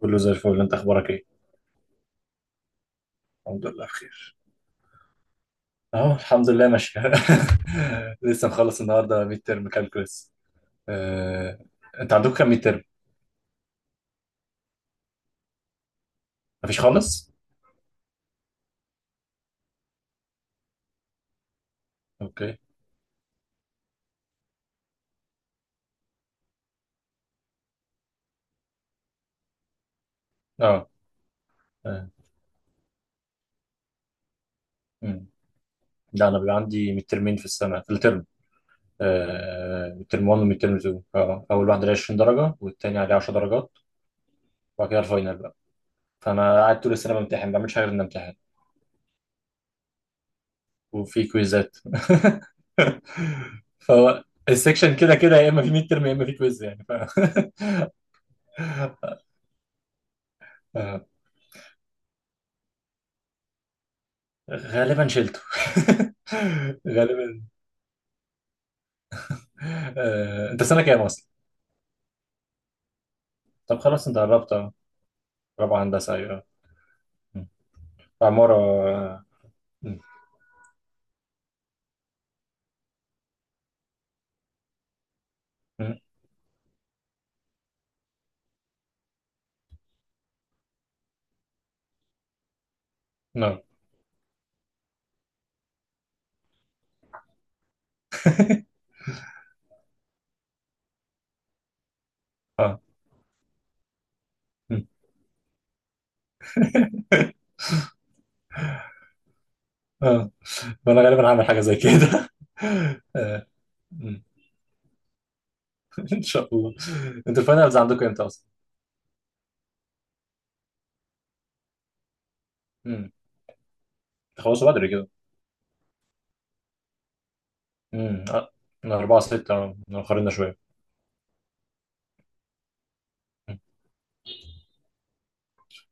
كله زي الفل. انت اخبارك ايه؟ الحمد لله بخير. اهو الحمد لله ماشيه. لسه مخلص النهارده ميد ترم كالكولس. آه... انت عندك كام ميد ترم؟ مفيش خالص؟ اوكي. اه. آه، مم. لا، انا بيبقى عندي ميد ترمين في السنه، في الترم. ميد ترم 1 وميد ترم 2. اه اه. اول واحد عليه 20 درجه والتاني عليه 10 درجات، وبعد كده الفاينل بقى. فانا قاعد طول السنه بمتحن، ما بعملش حاجه غير اني امتحن. وفي كويزات. فهو السكشن كده كده، يا اما في ميد ترم يا اما في كويز، يعني آه، غالبا شلته. غالبا. آه، انت سنة كام اصلا؟ طب خلاص انت قربت. اه، رابعة هندسة، ايوه. م. عمارة. آه، م. م. نعم. اه. م. اه، وانا غالبا هعمل حاجة زي كده. آه، م. ان شاء الله. انتوا الفاينلز عندكم امتى اصلا؟ م. تخلصوا بدري كده. م. آه، من 4/6. آه، مأخرنا شوية. م.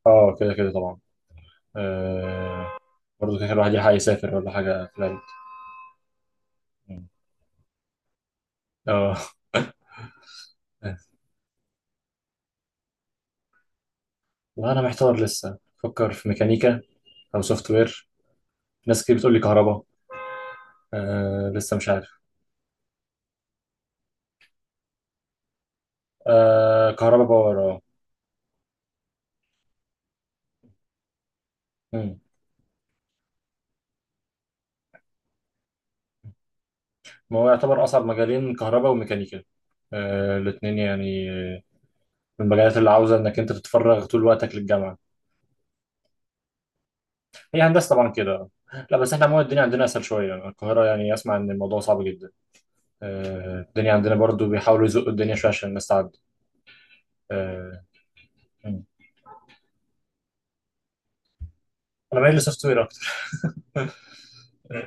اه، كده كده طبعا. آه، برضه كده الواحد يلحق يسافر ولا حاجة في العيد. م. اه. وانا محتار لسه. بفكر في ميكانيكا او سوفت وير. ناس كتير بتقول لي كهرباء. آه، لسه مش عارف. آه، كهرباء باور، اه. مم. ما هو يعتبر اصعب مجالين كهرباء وميكانيكا. آه الاتنين يعني، من المجالات اللي عاوزه انك انت تتفرغ طول وقتك للجامعه. هي هندسه طبعا كده. لا بس احنا عموما الدنيا عندنا اسهل شويه، القاهره يعني اسمع ان الموضوع صعب جدا. آه، الدنيا عندنا برضو بيحاولوا يزقوا الدنيا شويه عشان الناس تعدي. آه. مم. انا مايل لسوفت وير اكتر.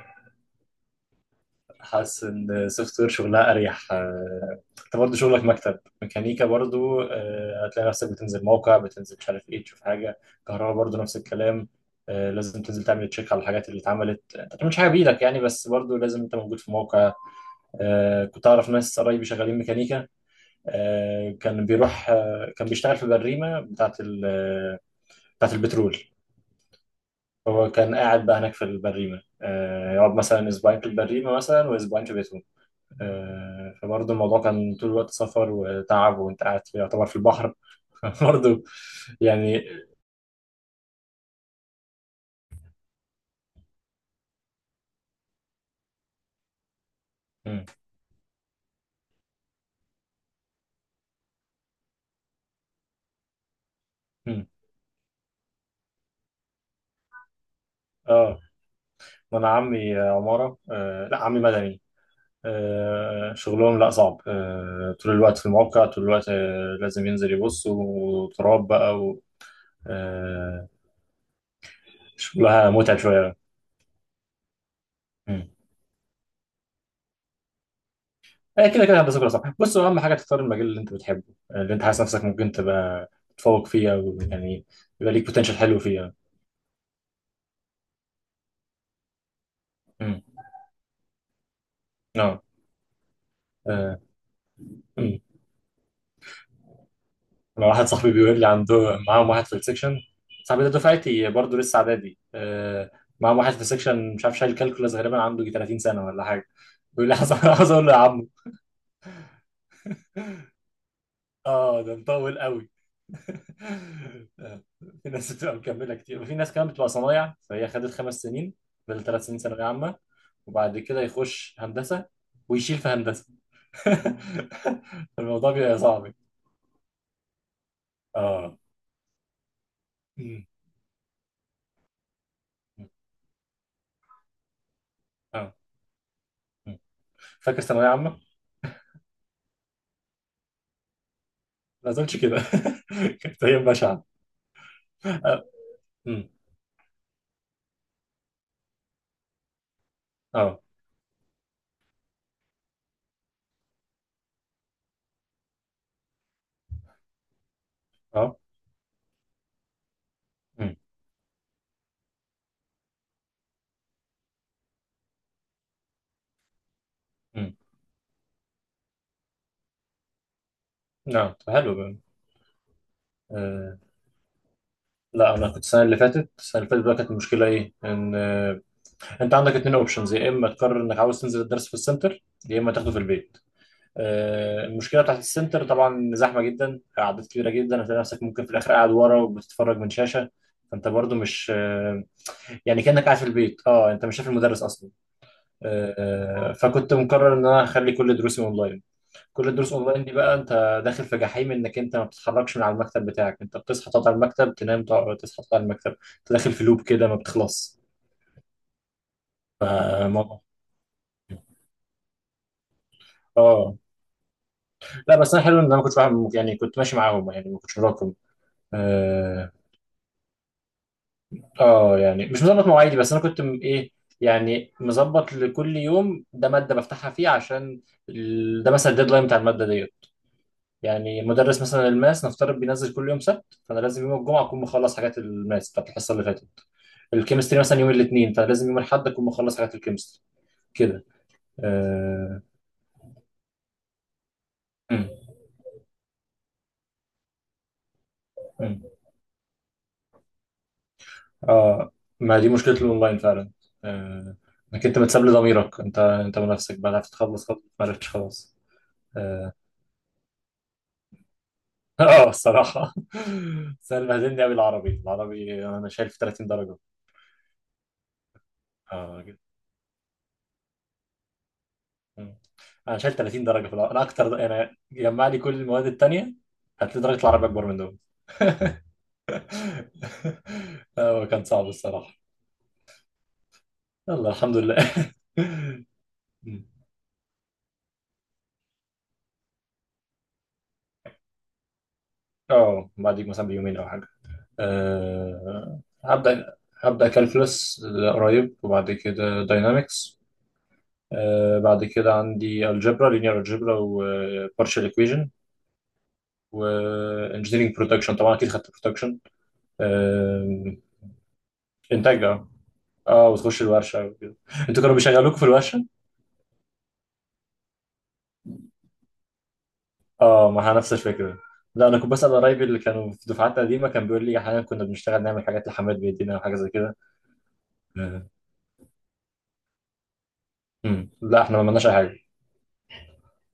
حاسس ان سوفت وير شغلها اريح. انت برضه شغلك مكتب ميكانيكا برضه، هتلاقي نفسك بتنزل موقع، بتنزل مش عارف ايه، تشوف حاجه. كهرباء برضه نفس الكلام. آه، لازم تنزل تعمل تشيك على الحاجات اللي اتعملت. انت ما بتعملش حاجه بايدك يعني، بس برضه لازم انت موجود في موقع. كنت اعرف ناس قرايبي شغالين ميكانيكا. كان بيروح، كان بيشتغل في البريمه بتاعه بتاعه البترول. هو كان قاعد بقى هناك في البريمه، يقعد مثلا اسبوعين في البريمه مثلا واسبوعين في بيته. فبرضه الموضوع كان طول الوقت سفر وتعب، وانت قاعد في يعتبر في البحر. برضه يعني. مم، مم. اه، ما انا عمي عمارة. لا عمي مدني. شغلهم لا صعب، طول الوقت في الموقع، طول الوقت، لازم ينزل يبص وتراب بقى و آه، شغلها متعب شوية. مم. آه، كده كده هندسة كلها صعب. بص، هو أهم حاجة تختار المجال اللي أنت بتحبه، اللي أنت حاسس نفسك ممكن تبقى تتفوق فيه، أو يعني يبقى ليك بوتنشال حلو فيه يعني. مم. اه. آه، مم. انا واحد صاحبي بيقول لي عنده، معاهم واحد في السكشن. صاحبي ده دفعتي برضه، لسه اعدادي. آه، معاهم واحد في السكشن مش عارف، شايل كالكولاس غالبا، عنده يجي 30 سنه ولا حاجه. بيقول لي عايز اقول له يا عم. اه، ده مطول قوي. آه، في ناس بتبقى مكمله كتير، وفي ناس كمان بتبقى صنايع، فهي خدت 5 سنين، فضل 3 سنين ثانويه عامه، وبعد كده يخش هندسه ويشيل في هندسه. الموضوع بيبقى صعب. اه. مم. اه. مم. فاكر ثانويه عامه؟ ما اظنش كده. كانت هي بشعة. اه. امم. اه. اه. امم. امم. نعم، حلو بقى. آه. لا، انا كنت السنه اللي فاتت، بقى كانت المشكله ايه، ان آه. انت عندك اتنين اوبشنز، يا اما تقرر انك عاوز تنزل الدرس في السنتر، يا اما تاخده في البيت. آه. المشكله بتاعت السنتر طبعا زحمه جدا، اعداد كبيره جدا، هتلاقي نفسك ممكن في الاخر قاعد ورا وبتتفرج من شاشه. فانت برضو مش آه، يعني كانك قاعد في البيت. اه، انت مش شايف المدرس اصلا. آه، فكنت مقرر ان انا هخلي كل دروسي اونلاين. كل الدروس اونلاين دي بقى انت داخل في جحيم، انك انت ما بتتحركش من على المكتب بتاعك، انت بتصحى تقعد على المكتب، تنام تقعد، تصحى تقعد على المكتب، انت داخل في لوب كده ما بتخلص. آه، موضوع. اه. لا بس انا حلو ان انا ما كنتش بعمل، يعني كنت ماشي معاهم يعني، ما كنتش وراكم. اه. آه، يعني مش مظبط مواعيدي، بس انا كنت ايه، يعني مظبط لكل يوم ده ماده بفتحها فيه عشان ده مثلا الديدلاين بتاع الماده دي. يعني مدرس مثلا الماس نفترض بينزل كل يوم سبت، فانا لازم يوم الجمعه اكون مخلص حاجات الماس بتاعت الحصه اللي فاتت. الكيمستري مثلا يوم الاثنين، فانا لازم يوم الاحد اكون مخلص حاجات الكيمستري كده. اه. مم. مم. آه، ما دي مشكله الاونلاين فعلا. آه، انك انت متساب لضميرك، انت ونفسك بقى، عرفت تخلص خلاص، ما عرفتش خلاص. اه. آه، الصراحه. بس انا بهدلني قوي العربي. انا شايل في 30 درجه. اه. مم. انا شايل 30 درجه في انا اكتر، انا جمع لي كل المواد التانيه، هتلاقي درجه العربي اكبر من دول. هو كان صعب الصراحه. يلا الحمد لله. مم. اه، بعديك مثلا بيومين او حاجه. أه، هبدا. هبدا كالكولس قريب، وبعد كده داينامكس. أه، بعد كده عندي الجبرا لينير، الجبرا وبارشال ايكويجن، وانجينيرنج برودكشن طبعا، اكيد خدت برودكشن. أه، انتاج. اه اه، وتخش الورشه وكده. انتوا كانوا بيشغلوكوا في الورشه؟ اه، ما هي نفس الفكره. لا، انا كنت بسال قرايبي اللي كانوا في دفعات قديمه، كان بيقول لي احيانا كنا بنشتغل نعمل حاجات لحماد بيدينا وحاجه زي كده. آه. مم. لا احنا ما عملناش اي حاجه.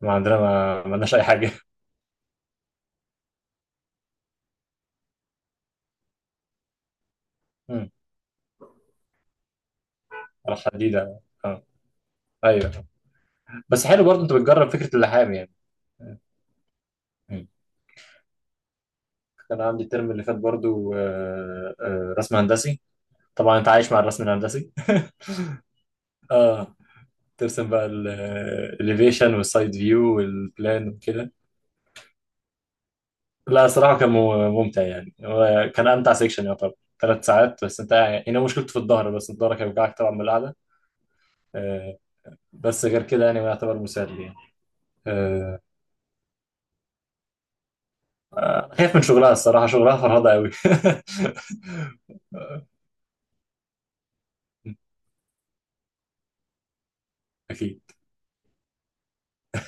ما عندنا ما عملناش اي حاجه. مم. على حديده. اه. ايوه. بس حلو برضه انت بتجرب فكره اللحام يعني. مم. كان عندي الترم اللي فات برضه، رسم هندسي. طبعا انت عايش مع الرسم الهندسي. اه، ترسم بقى الاليفيشن والسايد فيو والبلان وكده. لا صراحة كان ممتع يعني، هو كان أمتع سيكشن يعتبر. 3 ساعات بس، أنت يعني هنا مشكلته في الظهر بس، الظهر كان بيوجعك طبعا من القعدة. آه، بس غير كده يعني هو يعتبر مسلي يعني. آه، خايف من شغلها الصراحة، شغلها فرهضة قوي. أكيد.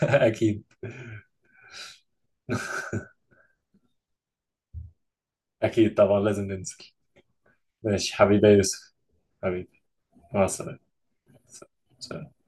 أكيد. أكيد طبعا لازم ننزل. ماشي حبيبي يا يوسف. حبيبي. مع السلامة. سلام.